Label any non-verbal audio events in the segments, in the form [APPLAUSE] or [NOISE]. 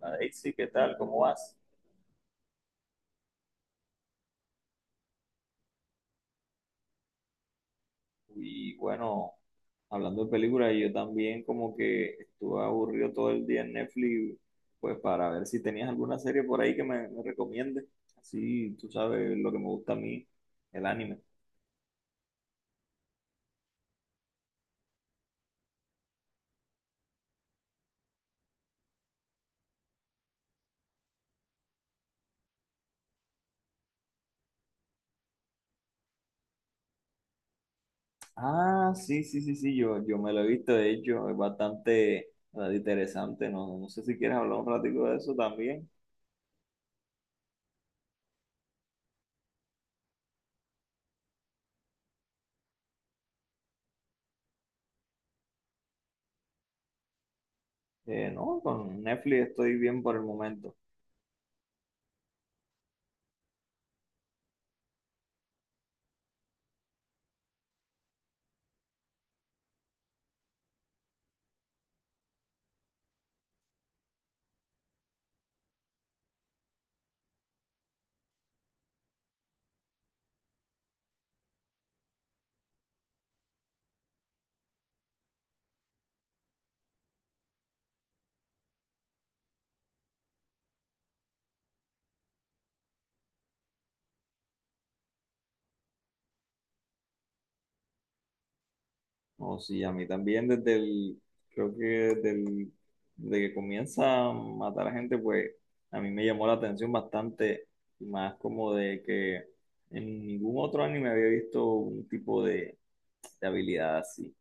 Daisy, ¿qué tal? ¿Cómo vas? Y bueno, hablando de películas, yo también como que estuve aburrido todo el día en Netflix, pues para ver si tenías alguna serie por ahí que me recomiendes. Así, tú sabes lo que me gusta a mí, el anime. Ah, sí, sí, sí, sí, yo me lo he visto, de hecho, es bastante interesante, no, no sé si quieres hablar un ratito de eso también. No, con Netflix estoy bien por el momento. No, sí, a mí también creo que desde que comienza a matar a gente, pues a mí me llamó la atención bastante, y más como de que en ningún otro anime había visto un tipo de habilidad así.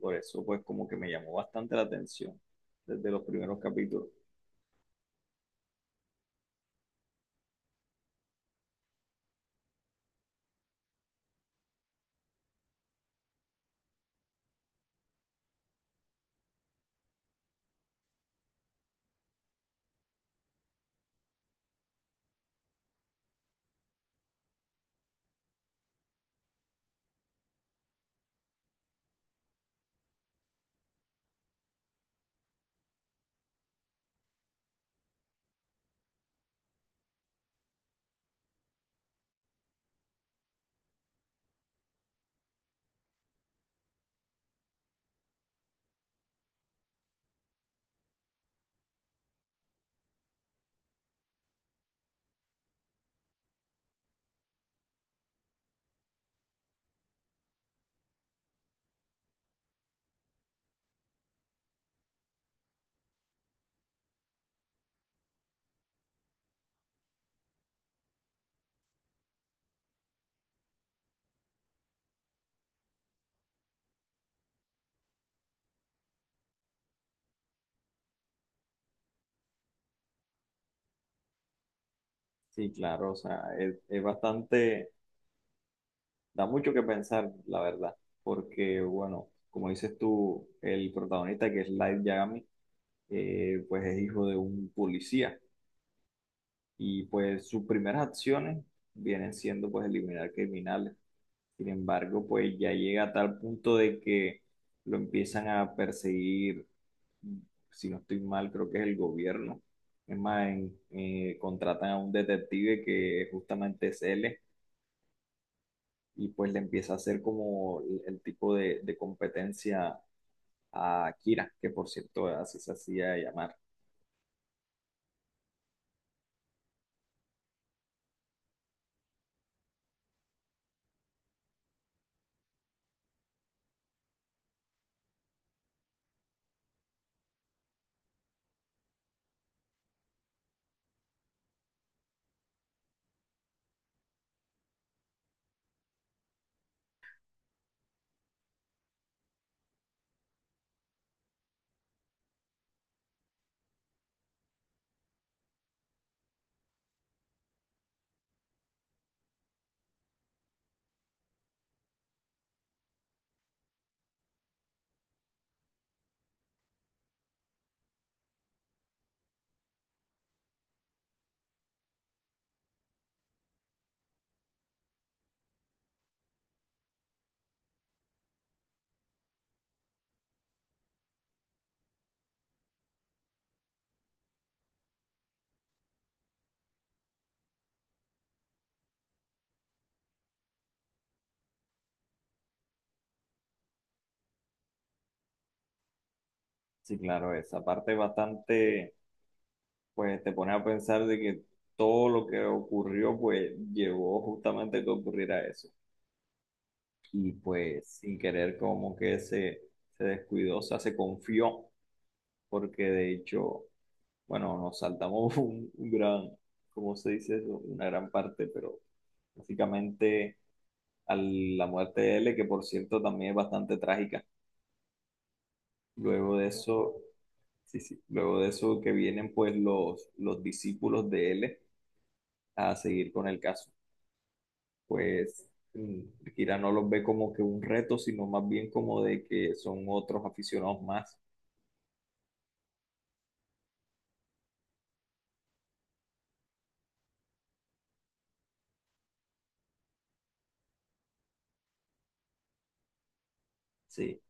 Por eso, pues como que me llamó bastante la atención desde los primeros capítulos. Sí, claro, o sea, es bastante, da mucho que pensar, la verdad, porque bueno, como dices tú, el protagonista que es Light Yagami. Pues es hijo de un policía y pues sus primeras acciones vienen siendo pues eliminar criminales. Sin embargo, pues ya llega a tal punto de que lo empiezan a perseguir, si no estoy mal, creo que es el gobierno. Es más, contratan a un detective que justamente es él y pues le empieza a hacer como el tipo de competencia a Kira, que por cierto así se hacía llamar. Sí, claro, esa parte es bastante, pues te pones a pensar de que todo lo que ocurrió, pues llevó justamente a que ocurriera eso. Y pues sin querer como que se descuidó, o sea, se confió, porque de hecho, bueno, nos saltamos [LAUGHS] un gran, ¿cómo se dice eso? Una gran parte, pero básicamente a la muerte de L, que por cierto también es bastante trágica. Luego de eso... Sí, sí. Luego de eso que vienen pues los discípulos de él a seguir con el caso. Pues mm, Kira no los ve como que un reto, sino más bien como de que son otros aficionados más. Sí,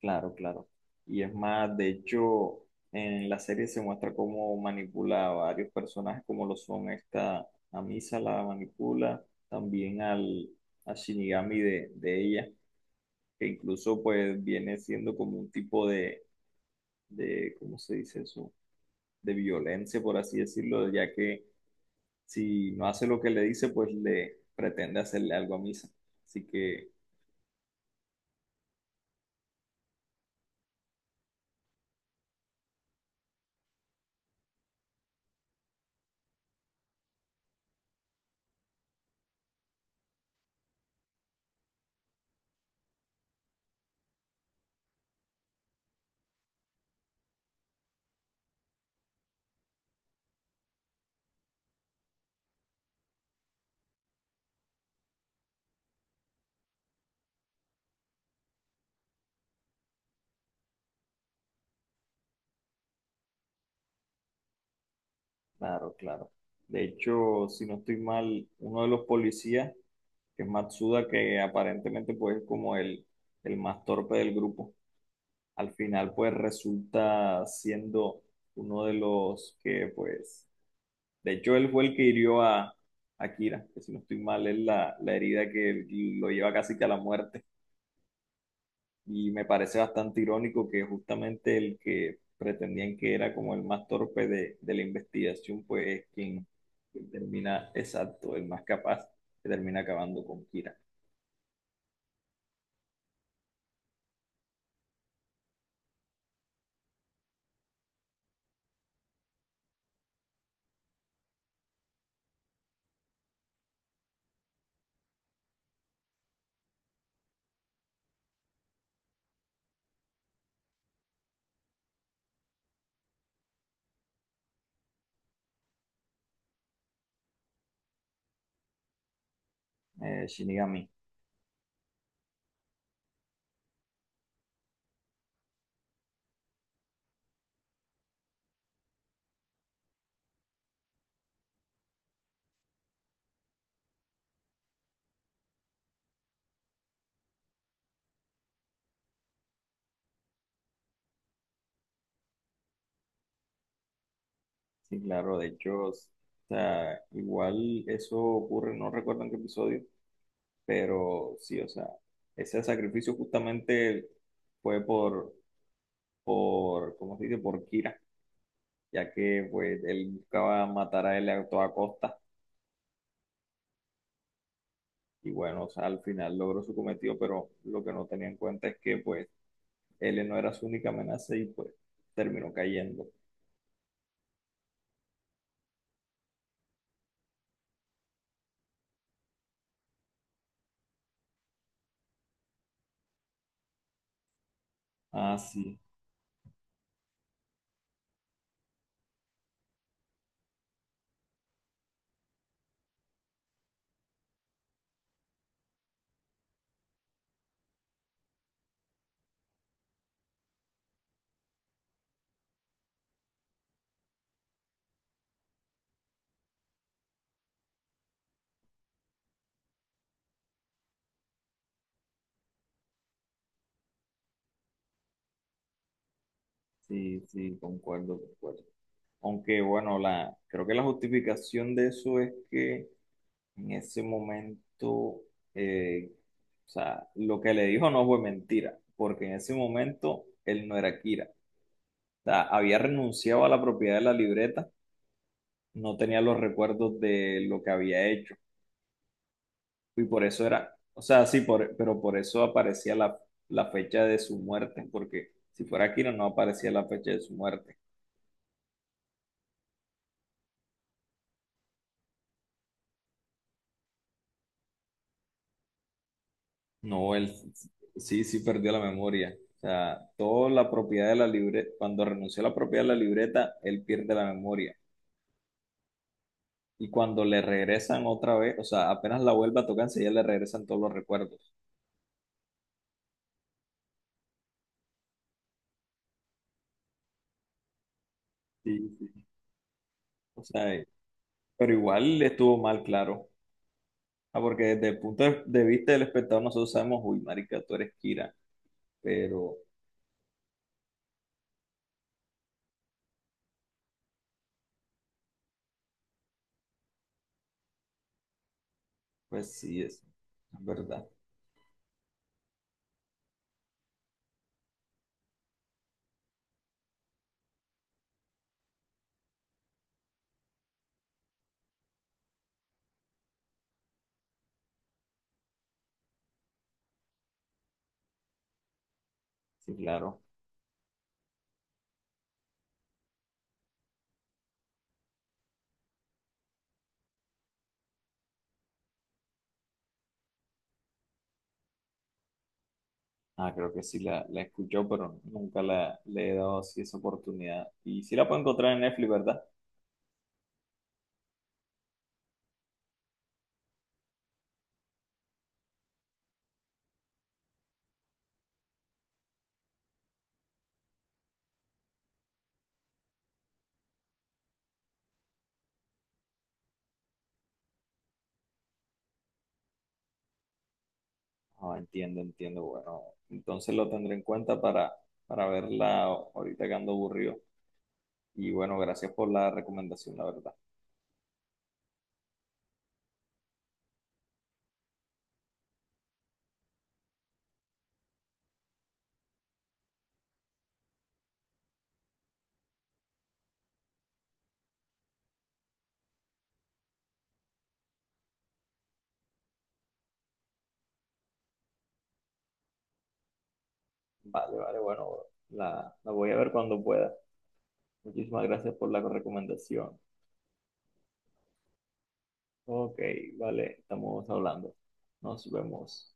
claro, claro. Y es más, de hecho, en la serie se muestra cómo manipula a varios personajes, como lo son esta, a Misa la manipula, también a Shinigami de ella, que incluso pues viene siendo como un tipo de, ¿cómo se dice eso? De violencia, por así decirlo, ya que si no hace lo que le dice, pues le pretende hacerle algo a Misa. Así que, claro, claro. De hecho, si no estoy mal, uno de los policías, que es Matsuda, que aparentemente pues es como el más torpe del grupo, al final pues resulta siendo uno de los que pues, de hecho él fue el que hirió a Kira, que si no estoy mal es la herida que lo lleva casi que a la muerte. Y me parece bastante irónico que justamente el que pretendían que era como el más torpe de la investigación, pues es quien quien termina, exacto, el más capaz, que termina acabando con Kira. Shinigami. Sí, claro, de hecho, o sea, igual eso ocurre, no recuerdo en qué episodio, pero sí, o sea, ese sacrificio justamente fue por, ¿cómo se dice? Por Kira, ya que pues él buscaba matar a él a toda costa y bueno, o sea, al final logró su cometido, pero lo que no tenía en cuenta es que pues él no era su única amenaza y pues terminó cayendo. Ah, sí, sí, sí, concuerdo, concuerdo. Aunque bueno, la, creo que la justificación de eso es que en ese momento, eh, o sea, lo que le dijo no fue mentira, porque en ese momento él no era Kira. O sea, había renunciado a la propiedad de la libreta, no tenía los recuerdos de lo que había hecho. Y por eso era, o sea, sí, por, pero por eso aparecía la fecha de su muerte, porque si fuera Aquino no aparecía la fecha de su muerte. No, él sí, sí perdió la memoria. O sea, toda la propiedad de la libreta, cuando renunció a la propiedad de la libreta, él pierde la memoria. Y cuando le regresan otra vez, o sea, apenas la vuelva a tocarse, ya le regresan todos los recuerdos. Sí, sí. O sea, pero igual estuvo mal, claro. Ah, porque desde el punto de vista del espectador, nosotros sabemos, uy, marica, tú eres Kira, pero pues sí, es verdad. Sí, claro. Ah, creo que sí la escuchó, pero nunca le he dado así esa oportunidad. ¿Y sí la puedo encontrar en Netflix, verdad? Ah, entiendo, entiendo. Bueno, entonces lo tendré en cuenta para verla ahorita que ando aburrido. Y bueno, gracias por la recomendación, la verdad. Vale, vale, bueno, la voy a ver cuando pueda. Muchísimas gracias por la recomendación. Ok, vale, estamos hablando. Nos vemos.